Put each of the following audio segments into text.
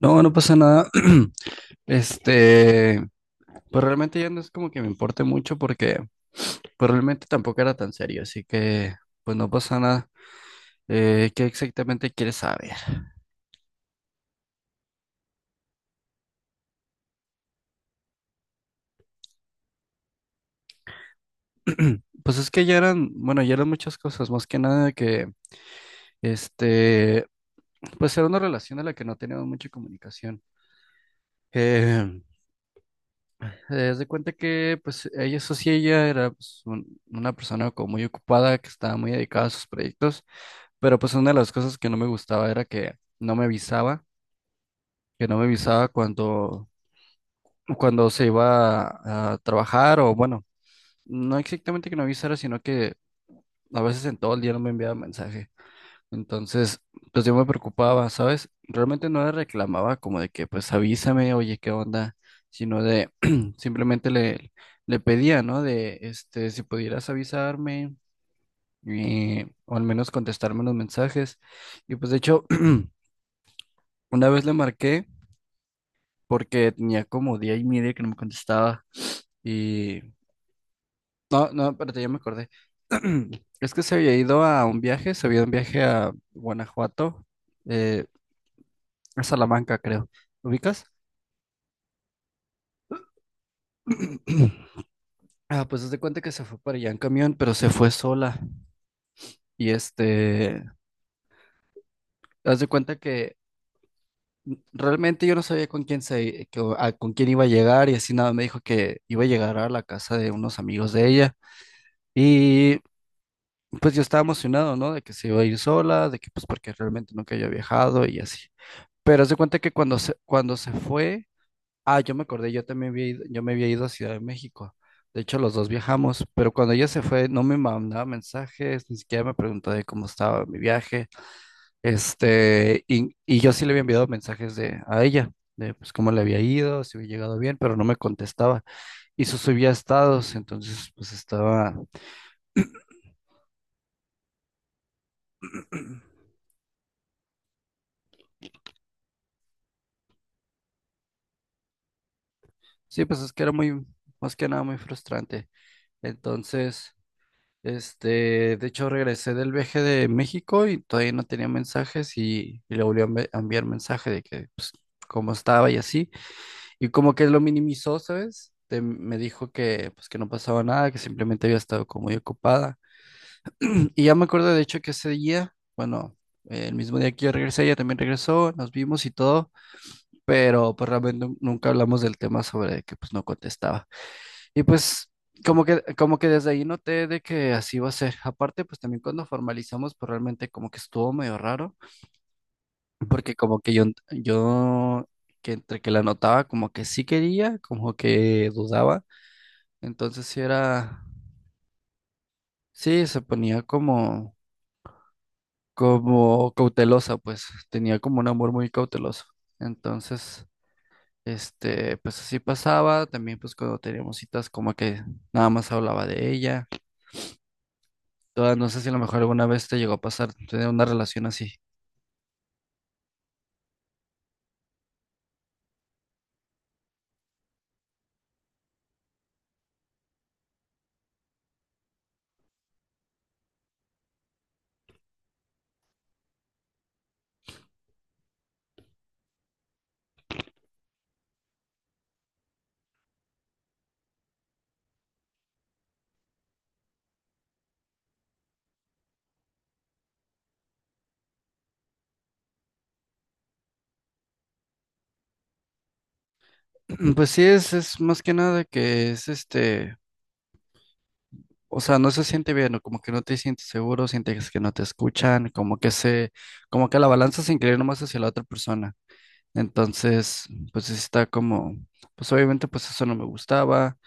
No, no pasa nada. Este, pues realmente ya no es como que me importe mucho porque pues realmente tampoco era tan serio, así que pues no pasa nada. ¿Qué exactamente quieres saber? Pues es que ya eran, bueno, ya eran muchas cosas, más que nada que, este, pues era una relación a la que no teníamos mucha comunicación. Eh, haz de cuenta que, pues, ella, eso sí, ella era pues, una persona como muy ocupada, que estaba muy dedicada a sus proyectos. Pero pues una de las cosas que no me gustaba era que no me avisaba, que no me avisaba cuando se iba a trabajar, o bueno, no exactamente que no avisara, sino que a veces en todo el día no me enviaba mensaje. Entonces, pues yo me preocupaba, ¿sabes? Realmente no le reclamaba como de que pues avísame, oye, ¿qué onda? Sino de simplemente le pedía, ¿no? De este, si pudieras avisarme, o al menos contestarme los mensajes. Y pues de hecho... Una vez le marqué porque tenía como día y media que no me contestaba y... No, no, espérate, ya me acordé. Es que se había ido a un viaje, se había ido a un viaje a Guanajuato, eh, a Salamanca, creo. ¿Ubicas? Ah, pues haz de cuenta que se fue para allá en camión, pero se fue sola. Y este, haz de cuenta que realmente yo no sabía con quién iba a llegar, y así nada, me dijo que iba a llegar a la casa de unos amigos de ella. Y pues yo estaba emocionado, ¿no? De que se iba a ir sola, de que pues porque realmente nunca había viajado y así. Pero se cuenta que cuando se fue, ah, yo me acordé, yo me había ido a Ciudad de México. De hecho, los dos viajamos, pero cuando ella se fue, no me mandaba mensajes, ni siquiera me preguntaba de cómo estaba mi viaje. Este, y yo sí le había enviado mensajes de, a ella, de pues cómo le había ido, si había llegado bien, pero no me contestaba. Y eso subía estados, entonces pues estaba, sí, pues es que era muy, más que nada muy frustrante. Entonces, este, de hecho regresé del viaje de México y todavía no tenía mensajes, y le volví a enviar mensaje de que, pues, cómo estaba y así. Y como que lo minimizó, ¿sabes? De, me dijo que, pues, que no pasaba nada, que simplemente había estado como muy ocupada. Y ya me acuerdo, de hecho, que ese día, bueno, el mismo día que yo regresé, ella también regresó, nos vimos y todo, pero pues realmente nunca hablamos del tema sobre que, pues, no contestaba. Y pues como que desde ahí noté de que así iba a ser. Aparte, pues también cuando formalizamos, pues realmente como que estuvo medio raro, porque como que yo que entre que la notaba como que sí quería, como que dudaba. Entonces sí era, sí, se ponía como, como cautelosa, pues tenía como un amor muy cauteloso. Entonces, este, pues así pasaba. También pues cuando teníamos citas como que nada más hablaba de ella. Ah, no sé si a lo mejor alguna vez te llegó a pasar tener una relación así. Pues sí, es más que nada que es este, o sea, no se siente bien, o como que no te sientes seguro, sientes que no te escuchan, como que la balanza se inclina más hacia la otra persona. Entonces, pues sí está como, pues obviamente pues eso no me gustaba,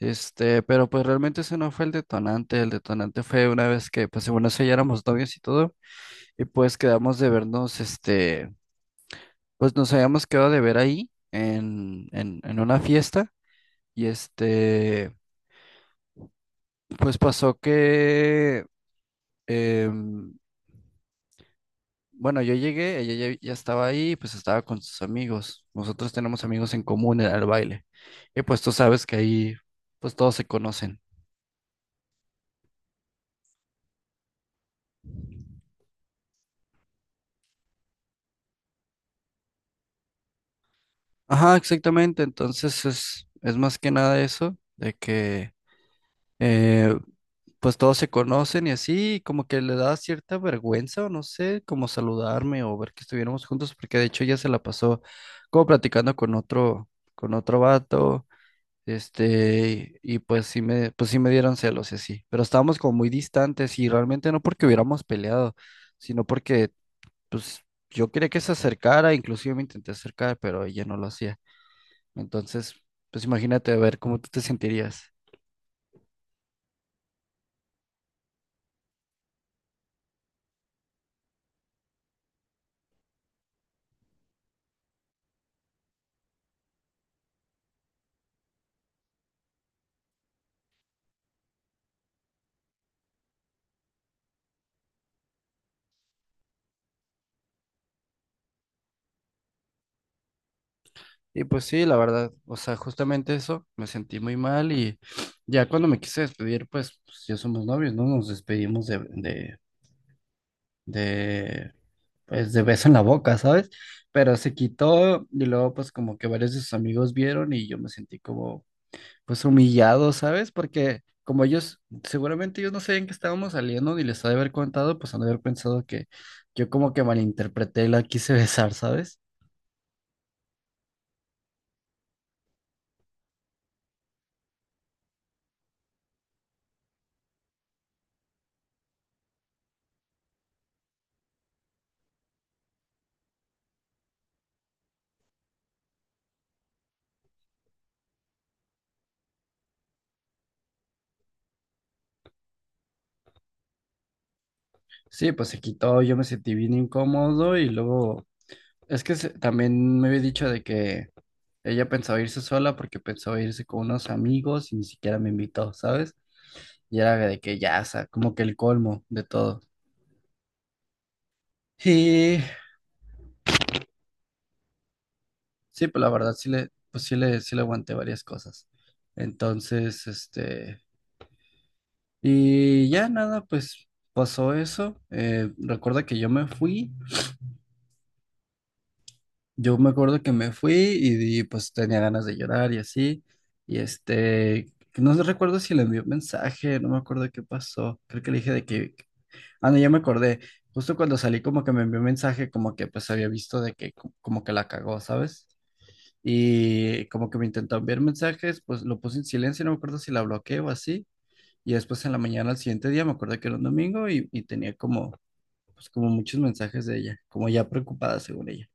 este, pero pues realmente ese no fue el detonante fue una vez que, pues bueno, eso ya éramos novios y todo, y pues quedamos de vernos, este. Pues nos habíamos quedado de ver ahí en una fiesta y este, pues pasó que, em, bueno, yo llegué, ella ya estaba ahí, pues estaba con sus amigos. Nosotros tenemos amigos en común en el baile. Y pues tú sabes que ahí, pues todos se conocen. Ajá, exactamente. Entonces es más que nada eso, de que eh, pues todos se conocen y así, como que le da cierta vergüenza o no sé, como saludarme o ver que estuviéramos juntos, porque de hecho ella se la pasó como platicando con otro vato, este, y pues sí me dieron celos y así, pero estábamos como muy distantes y realmente no porque hubiéramos peleado, sino porque pues yo quería que se acercara, inclusive me intenté acercar, pero ella no lo hacía. Entonces, pues imagínate a ver cómo tú te sentirías. Y pues sí, la verdad, o sea, justamente eso, me sentí muy mal y ya cuando me quise despedir, pues, ya somos novios, ¿no? Nos despedimos de, pues, de beso en la boca, ¿sabes? Pero se quitó y luego, pues, como que varios de sus amigos vieron y yo me sentí como, pues humillado, ¿sabes? Porque como ellos, seguramente ellos no sabían que estábamos saliendo ni les ha de haber contado, pues han de haber pensado que yo como que malinterpreté y la quise besar, ¿sabes? Sí, pues se quitó, yo me sentí bien incómodo y luego, es que también me había dicho de que ella pensaba irse sola porque pensaba irse con unos amigos y ni siquiera me invitó, ¿sabes? Y era de que ya, o sea, como que el colmo de todo. Y sí, pues la verdad sí le, pues sí le aguanté varias cosas. Entonces, este, y ya nada, pues pasó eso. Recuerda que yo me fui, yo me acuerdo que me fui y pues tenía ganas de llorar y así. Y este, no recuerdo si le envió un mensaje, no me acuerdo qué pasó. Creo que le dije de que, ah, no, ya me acordé. Justo cuando salí como que me envió un mensaje como que pues había visto de que como que la cagó, ¿sabes? Y como que me intentó enviar mensajes, pues lo puse en silencio, no me acuerdo si la bloqueé o así. Y después en la mañana, al siguiente día, me acuerdo que era un domingo y tenía como, pues como muchos mensajes de ella, como ya preocupada según ella.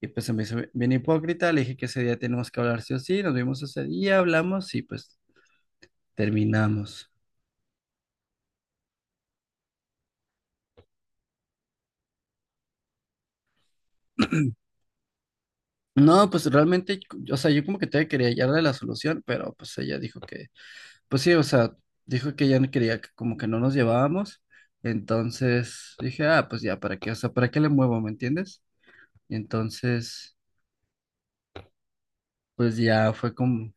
Y pues se me hizo bien hipócrita, le dije que ese día tenemos que hablar sí o sí, nos vimos ese día, hablamos y pues terminamos. No, pues realmente, o sea, yo como que todavía quería hallarle la solución, pero pues ella dijo que, pues sí, o sea, dijo que ya no quería, que como que no nos llevábamos. Entonces dije, ah, pues ya, ¿para qué? O sea, ¿para qué le muevo? ¿Me entiendes? Y entonces, pues ya fue como...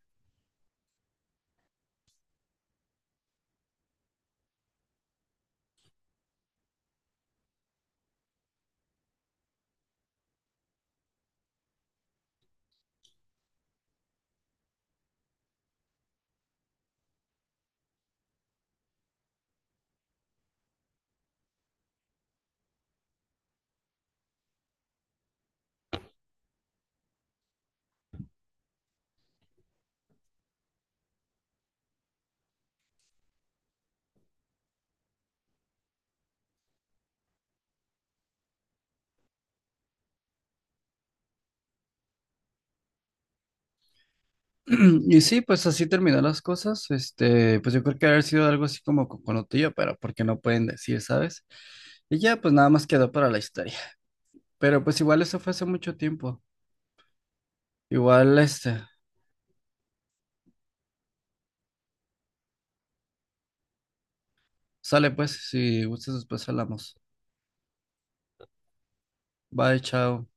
Y sí, pues así terminó las cosas. Este, pues yo creo que haber sido algo así como coconutilla, pero porque no pueden decir, ¿sabes? Y ya, pues nada más quedó para la historia. Pero pues igual eso fue hace mucho tiempo. Igual, este, sale pues, si gustas después hablamos. Bye, chao.